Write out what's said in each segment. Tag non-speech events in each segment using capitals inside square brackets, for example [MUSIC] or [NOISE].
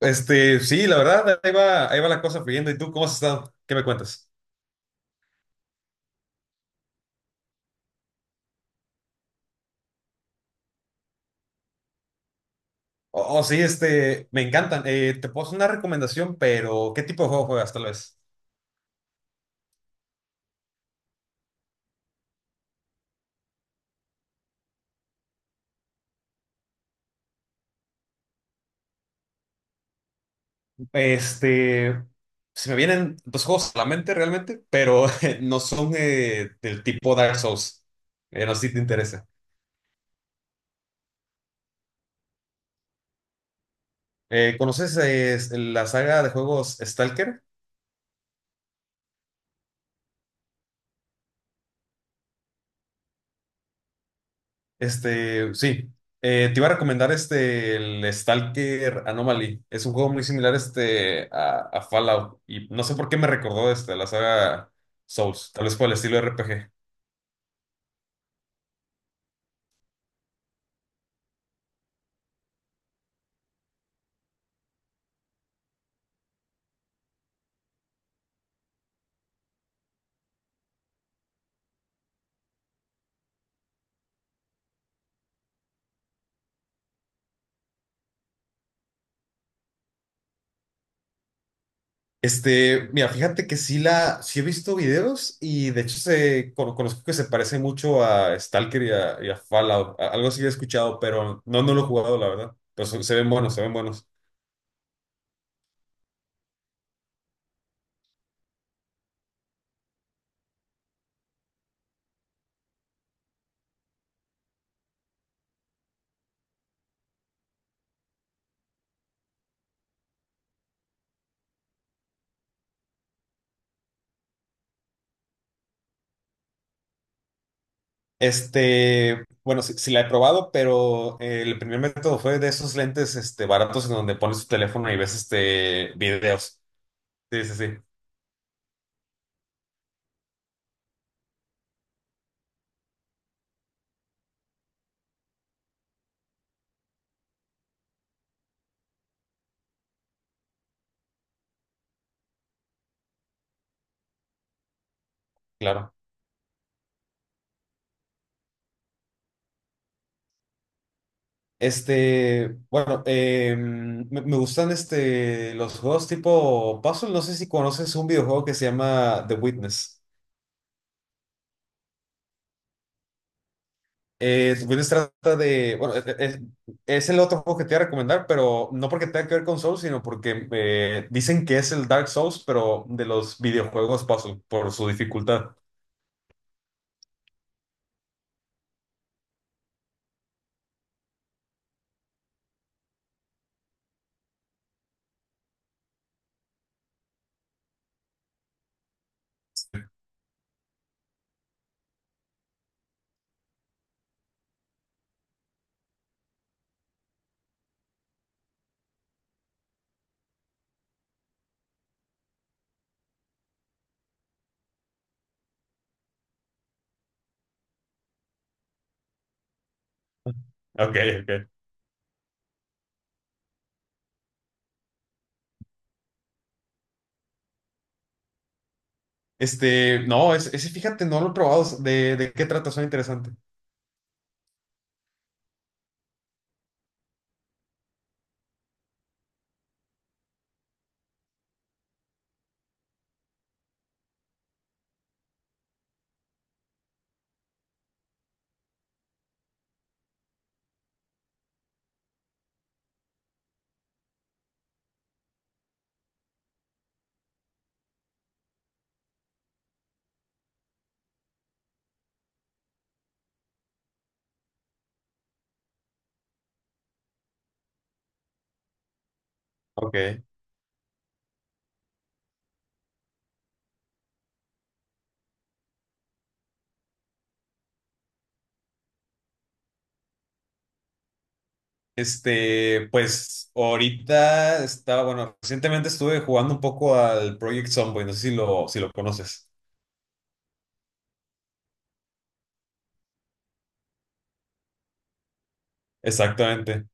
Este, sí, la verdad, ahí va la cosa fluyendo. ¿Y tú cómo has estado? ¿Qué me cuentas? Oh, oh, sí, este, me encantan. Te puedo hacer una recomendación, pero ¿qué tipo de juego juegas tal vez? Este, se me vienen dos juegos a la mente realmente, pero [LAUGHS] no son del tipo Dark Souls. No sé si te interesa. ¿Conoces la saga de juegos Stalker? Este, sí. Te iba a recomendar este, el Stalker Anomaly. Es un juego muy similar este, a Fallout. Y no sé por qué me recordó este, la saga Souls. Tal vez por el estilo RPG. Este, mira, fíjate que sí he visto videos y de hecho conozco que se parece mucho a Stalker y a Fallout. Algo sí he escuchado, pero no, no lo he jugado, la verdad. Pero se ven buenos, se ven buenos. Este, bueno, sí, sí la he probado, pero el primer método fue de esos lentes este, baratos en donde pones tu teléfono y ves este, videos. Sí, sí, sí, claro. Este, bueno, me gustan este, los juegos tipo puzzle. No sé si conoces un videojuego que se llama The Witness. Witness trata de, bueno, es el otro juego que te voy a recomendar, pero no porque tenga que ver con Souls, sino porque dicen que es el Dark Souls, pero de los videojuegos puzzle, por su dificultad. Ok, ok. Este, no, ese, fíjate, no lo he probado. ¿De qué trata? Suena interesante. Ok. Este, pues ahorita estaba, bueno, recientemente estuve jugando un poco al Project Zomboid, no sé si lo conoces. Exactamente.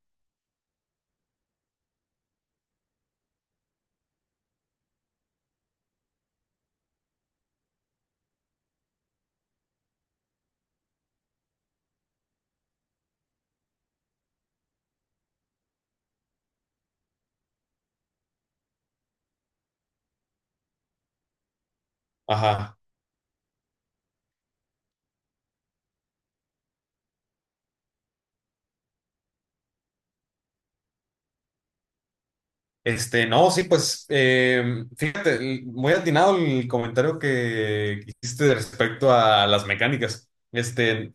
Ajá. Este, no, sí, pues fíjate, muy atinado el comentario que hiciste respecto a las mecánicas. Este,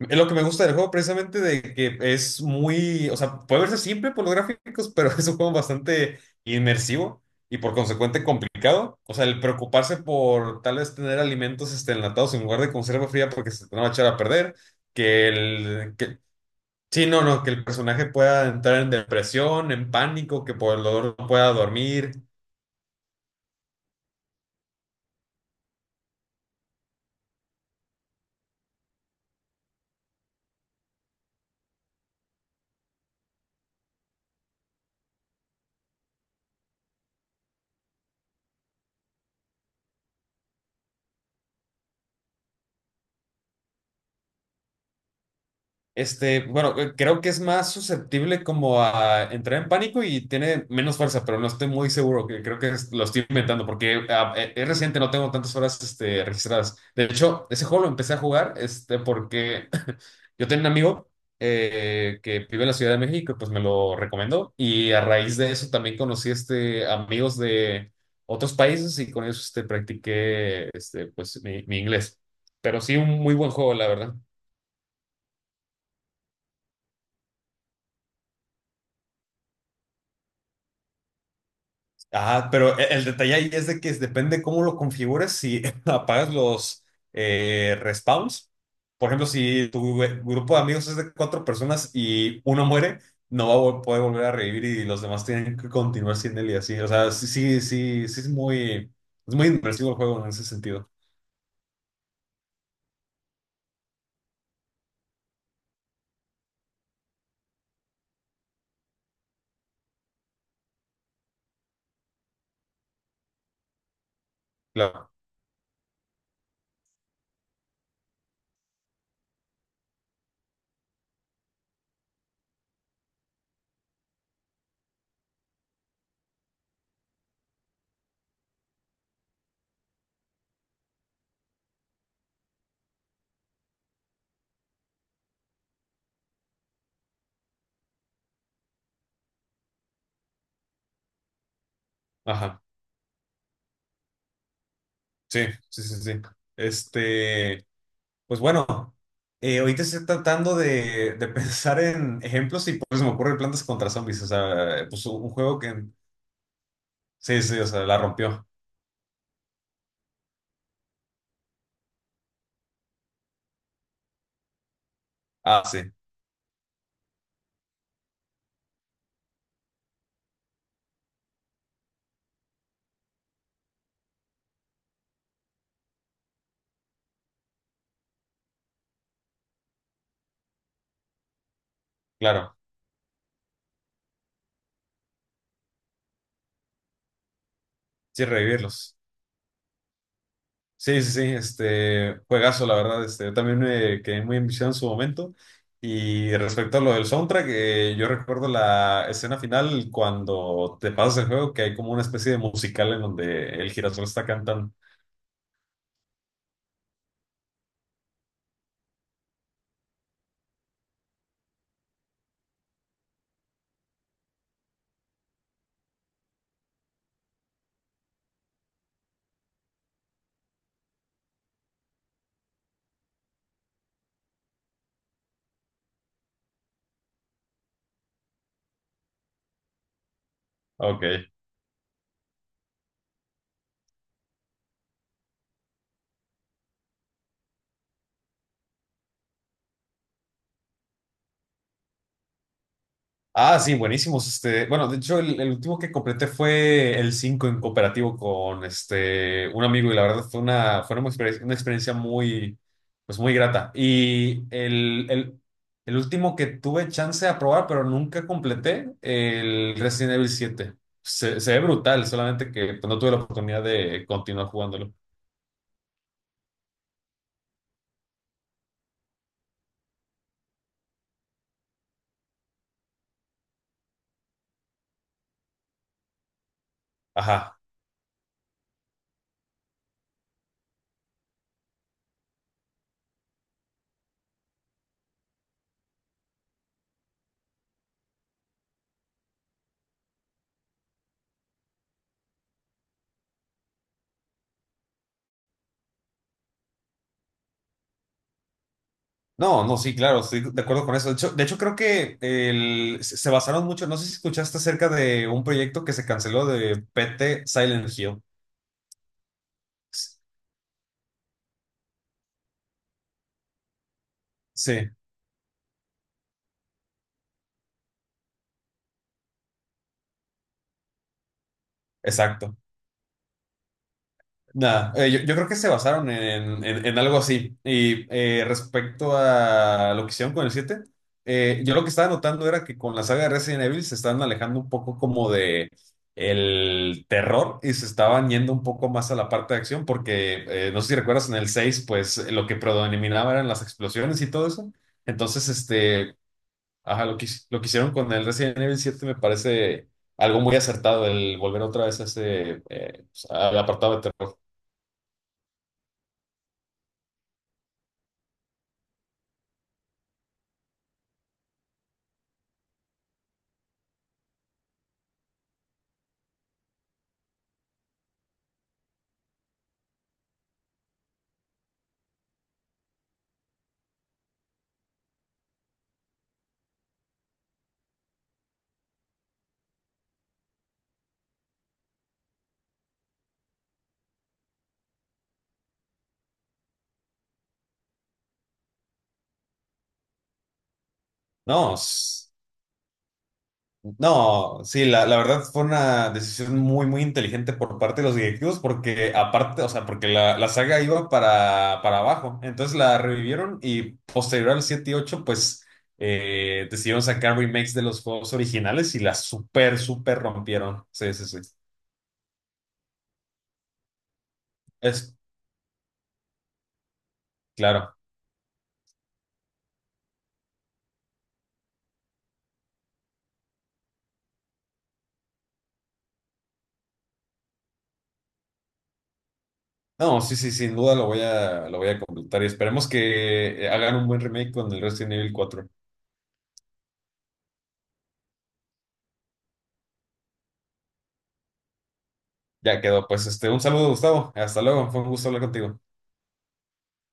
es lo que me gusta del juego precisamente de que es muy, o sea, puede verse simple por los gráficos, pero [LAUGHS] es un juego bastante inmersivo y por consecuente complicado. O sea, el preocuparse por tal vez tener alimentos este, enlatados en lugar de conserva fría porque se te van a echar a perder, que, el, que sí, no, no, que el personaje pueda entrar en depresión, en pánico, que por el dolor no pueda dormir. Este, bueno, creo que es más susceptible como a entrar en pánico y tiene menos fuerza, pero no estoy muy seguro, que creo que lo estoy inventando porque es reciente, no tengo tantas horas este, registradas. De hecho, ese juego lo empecé a jugar este, porque [LAUGHS] yo tenía un amigo que vive en la Ciudad de México, pues me lo recomendó y a raíz de eso también conocí este, amigos de otros países y con ellos este, practiqué este, pues, mi inglés. Pero sí, un muy buen juego, la verdad. Ah, pero el detalle ahí es de que depende cómo lo configures, si [LAUGHS] apagas los respawns. Por ejemplo, si tu grupo de amigos es de cuatro personas y uno muere, no va a poder volver a revivir y los demás tienen que continuar sin él y así. O sea, sí, sí, sí, sí es muy inmersivo el juego en ese sentido. Claro. Ajá. Sí, sí, sí, sí. Este. Pues bueno, ahorita estoy tratando de [LAUGHS] pensar en ejemplos y pues se me ocurre plantas contra zombies. O sea, pues un juego que... Sí, sí, o sea, la rompió. Ah, sí, claro. Sí, revivirlos. Sí, sí, sí, este, juegazo, la verdad. Este, yo también me quedé muy enviciado en su momento. Y respecto a lo del soundtrack, yo recuerdo la escena final cuando te pasas el juego, que hay como una especie de musical en donde el girasol está cantando. Ok. Ah, sí, buenísimos. Este, bueno, de hecho, el último que completé fue el 5 en cooperativo con este un amigo, y la verdad una experiencia muy, pues muy grata. Y el último que tuve chance de probar, pero nunca completé, el Resident Evil 7. Se ve brutal, solamente que pues, no tuve la oportunidad de continuar jugándolo. Ajá. No, no, sí, claro, estoy de acuerdo con eso. De hecho, creo que se basaron mucho, no sé si escuchaste acerca de un proyecto que se canceló de PT Silent Hill. Sí, exacto. Nada, yo creo que se basaron en algo así. Y respecto a lo que hicieron con el 7 yo lo que estaba notando era que con la saga de Resident Evil se están alejando un poco como de el terror y se estaban yendo un poco más a la parte de acción, porque no sé si recuerdas en el 6 pues lo que predominaba eran las explosiones y todo eso. Entonces, este, ajá, lo que hicieron con el Resident Evil 7 me parece algo muy acertado, el volver otra vez a ese, pues, al apartado de terror. No, no, sí, la verdad fue una decisión muy, muy inteligente por parte de los directivos porque aparte, o sea, porque la saga iba para abajo, entonces la revivieron y posterior al 7 y 8 pues decidieron sacar remakes de los juegos originales y la súper, súper rompieron. Sí, sí, sí. Es claro. No, sí, sí, sin duda lo voy a completar y esperemos que hagan un buen remake con el Resident Evil 4. Ya quedó, pues este, un saludo, Gustavo. Hasta luego, fue un gusto hablar contigo.